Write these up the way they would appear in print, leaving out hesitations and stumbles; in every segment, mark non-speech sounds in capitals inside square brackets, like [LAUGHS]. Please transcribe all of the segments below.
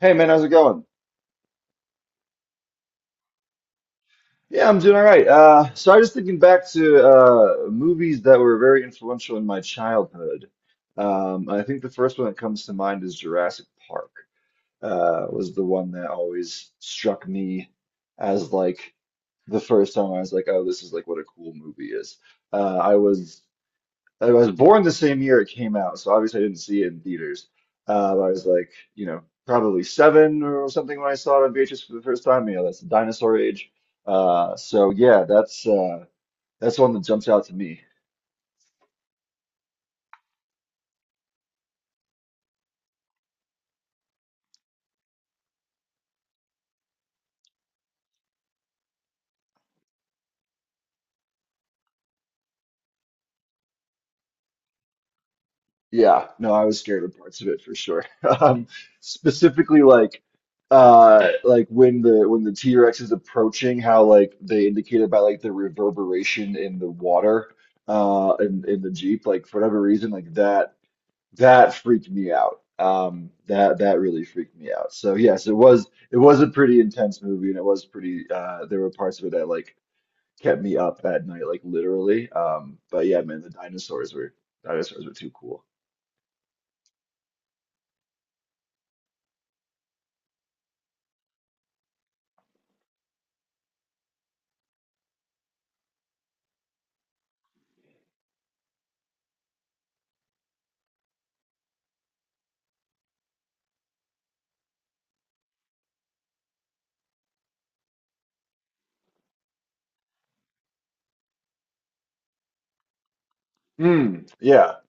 Hey man, how's it going? Yeah, I'm doing all right. So I was just thinking back to movies that were very influential in my childhood. I think the first one that comes to mind is Jurassic Park. Was the one that always struck me as like the first time I was like, oh, this is like what a cool movie is. Uh, I was I was born the same year it came out, so obviously I didn't see it in theaters. I was like, probably seven or something when I saw it on VHS for the first time. You know, that's the dinosaur age. So yeah, that's one that jumps out to me. Yeah, no, I was scared of parts of it for sure. [LAUGHS] Um, specifically, like when the T-Rex is approaching, how like they indicated by like the reverberation in the water, in the Jeep, like for whatever reason, like that freaked me out. That really freaked me out. So yes, it was a pretty intense movie, and it was pretty. There were parts of it that like kept me up at night, like literally. But yeah, man, the dinosaurs were too cool. Mm, yeah.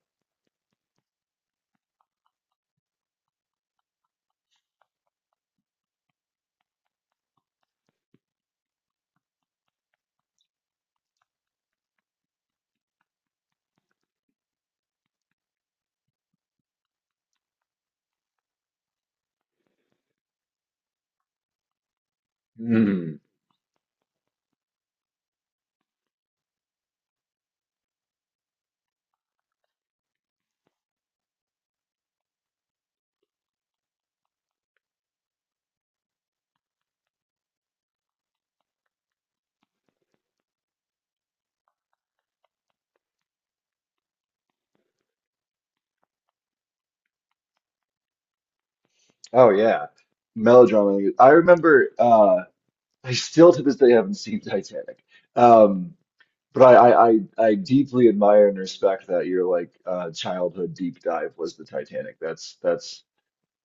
Mm, oh yeah. Melodrama. I remember. I still to this day haven't seen Titanic. Um, but I deeply admire and respect that your like childhood deep dive was the Titanic. That's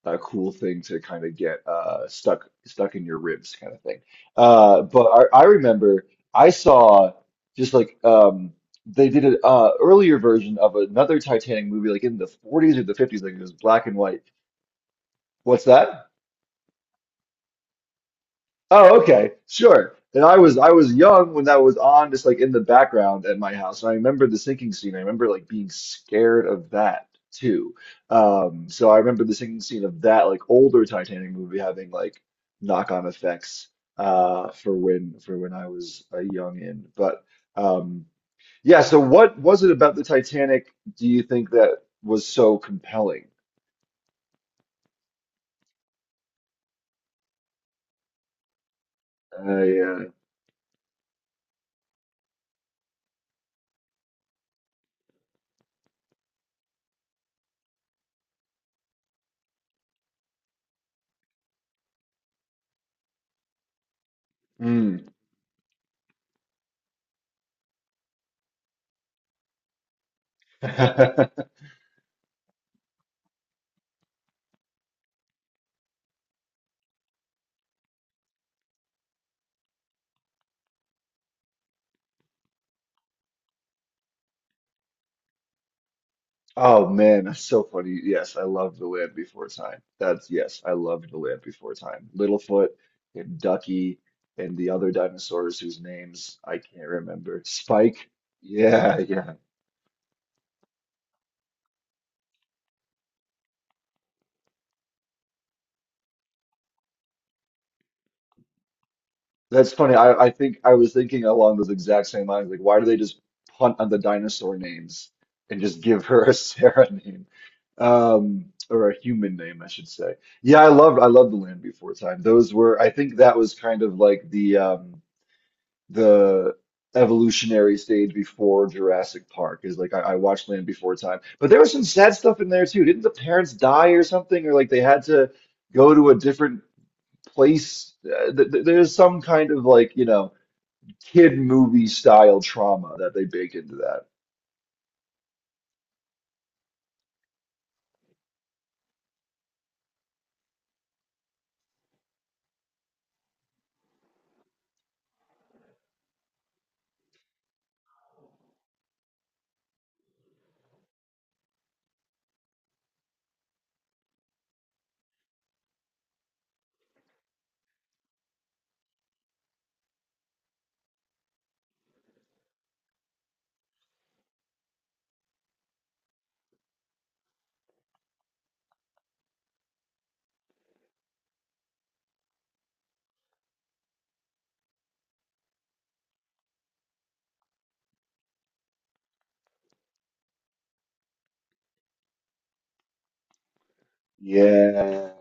a cool thing to kind of get stuck stuck in your ribs kind of thing. But I remember I saw just like they did an earlier version of another Titanic movie, like in the 40s or the 50s, like it was black and white. What's that? Oh, okay, sure. And I was young when that was on, just like in the background at my house. And I remember the sinking scene. I remember like being scared of that too. So I remember the sinking scene of that like older Titanic movie having like knock-on effects for when I was a young in. But um yeah, so what was it about the Titanic do you think that was so compelling? I, uh, mm. [LAUGHS] Oh man, that's so funny. Yes, I love The Land Before Time. That's yes, I love The Land Before Time. Littlefoot and Ducky and the other dinosaurs whose names I can't remember. Spike. Yeah, yeah. That's funny. I think I was thinking along those exact same lines. Like, why do they just punt on the dinosaur names and just give her a [LAUGHS] Sarah name? Or a human name, I should say. Yeah, I loved The Land Before Time. Those were I think that was kind of like the evolutionary stage before Jurassic Park is like I watched Land Before Time. But there was some sad stuff in there too. Didn't the parents die or something, or like they had to go to a different place? Th th there's some kind of like, you know, kid movie style trauma that they baked into that. Yeah,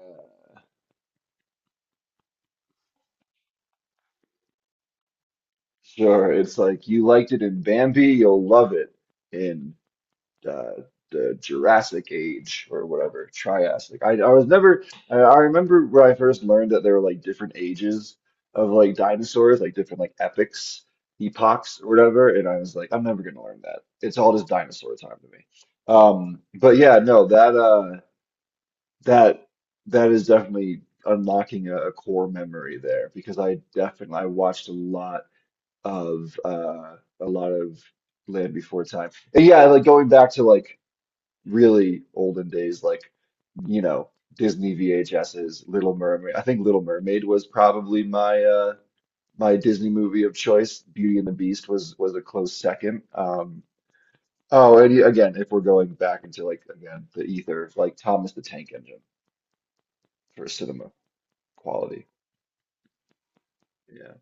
sure. It's like you liked it in Bambi, you'll love it in. uh, the Jurassic Age or whatever, Triassic. I was never, I remember when I first learned that there were like different ages of like dinosaurs, like different like epochs or whatever. And I was like, I'm never gonna learn that. It's all just dinosaur time to me. But yeah, no, that, that is definitely unlocking a core memory there because I definitely, I watched of, uh, a lot of Land Before Time. And yeah, like going back to like really olden days, like, you know, Disney VHSs, Little Mermaid. I think Little Mermaid was probably my Disney movie of choice. Beauty and the Beast was a close second. Oh, and yeah, again, if we're going back into like again the ether, like Thomas the Tank Engine for cinema quality. Yeah.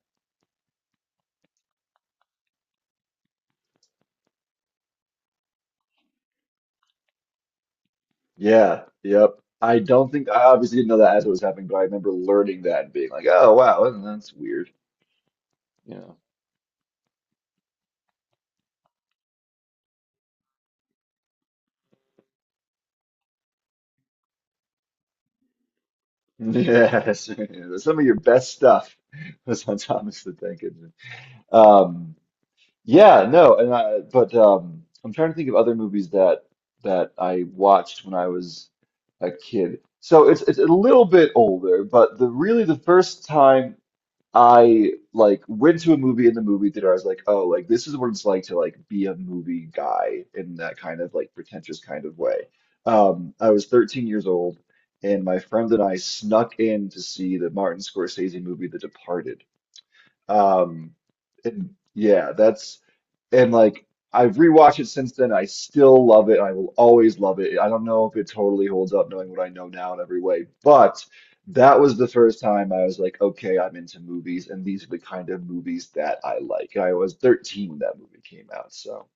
Yeah. I don't think I obviously didn't know that as it was happening, but I remember learning that and being like, "Oh wow, that's weird." Yeah. Yes, [LAUGHS] some of your best stuff [LAUGHS] was on Thomas the Tank Engine. Um, yeah, no, and I, but I'm trying to think of other movies that I watched when I was a kid. So it's a little bit older, but the really the first time. I like went to a movie in the movie theater. I was like, oh, like this is what it's like to like be a movie guy in that kind of like pretentious kind of way. I was 13 years old, and my friend and I snuck in to see the Martin Scorsese movie, The Departed. Um, and yeah, that's and like I've rewatched it since then. I still love it. I will always love it. I don't know if it totally holds up knowing what I know now in every way, but that was the first time I was like, okay, I'm into movies, and these are the kind of movies that I like. I was 13 when that movie came out, so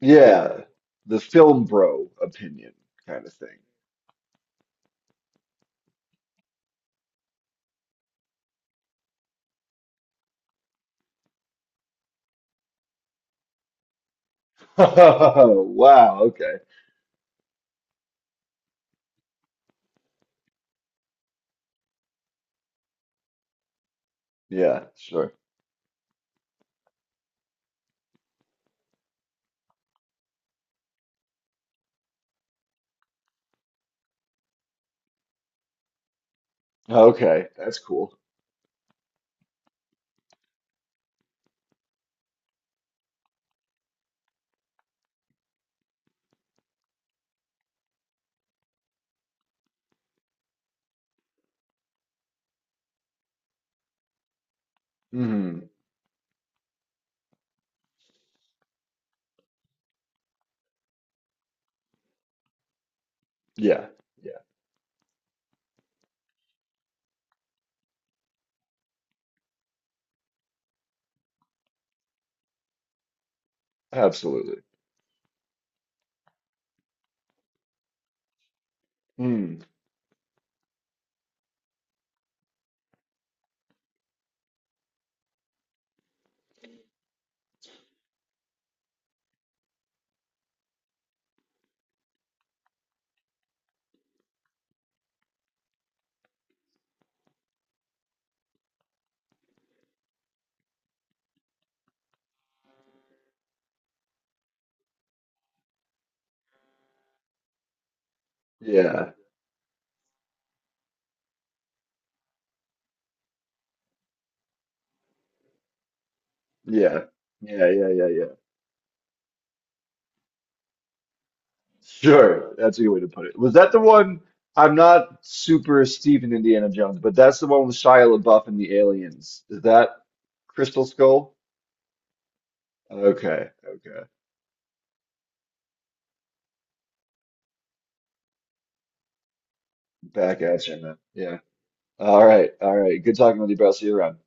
yeah, the film bro opinion kind of thing. [LAUGHS] Oh, wow, okay. Yeah, sure. Okay, that's cool. Hmm. Yeah, yeah, absolutely. Mm, yeah. Yeah. Yeah, yeah, yeah, yeah. Sure. That's a good way to put it. Was that the one? I'm not super steep in Indiana Jones, but that's the one with Shia LaBeouf and the aliens. Is that Crystal Skull? Okay, okay. Back at you, man. Yeah. All right, all right. Good talking with you, bro. See you around.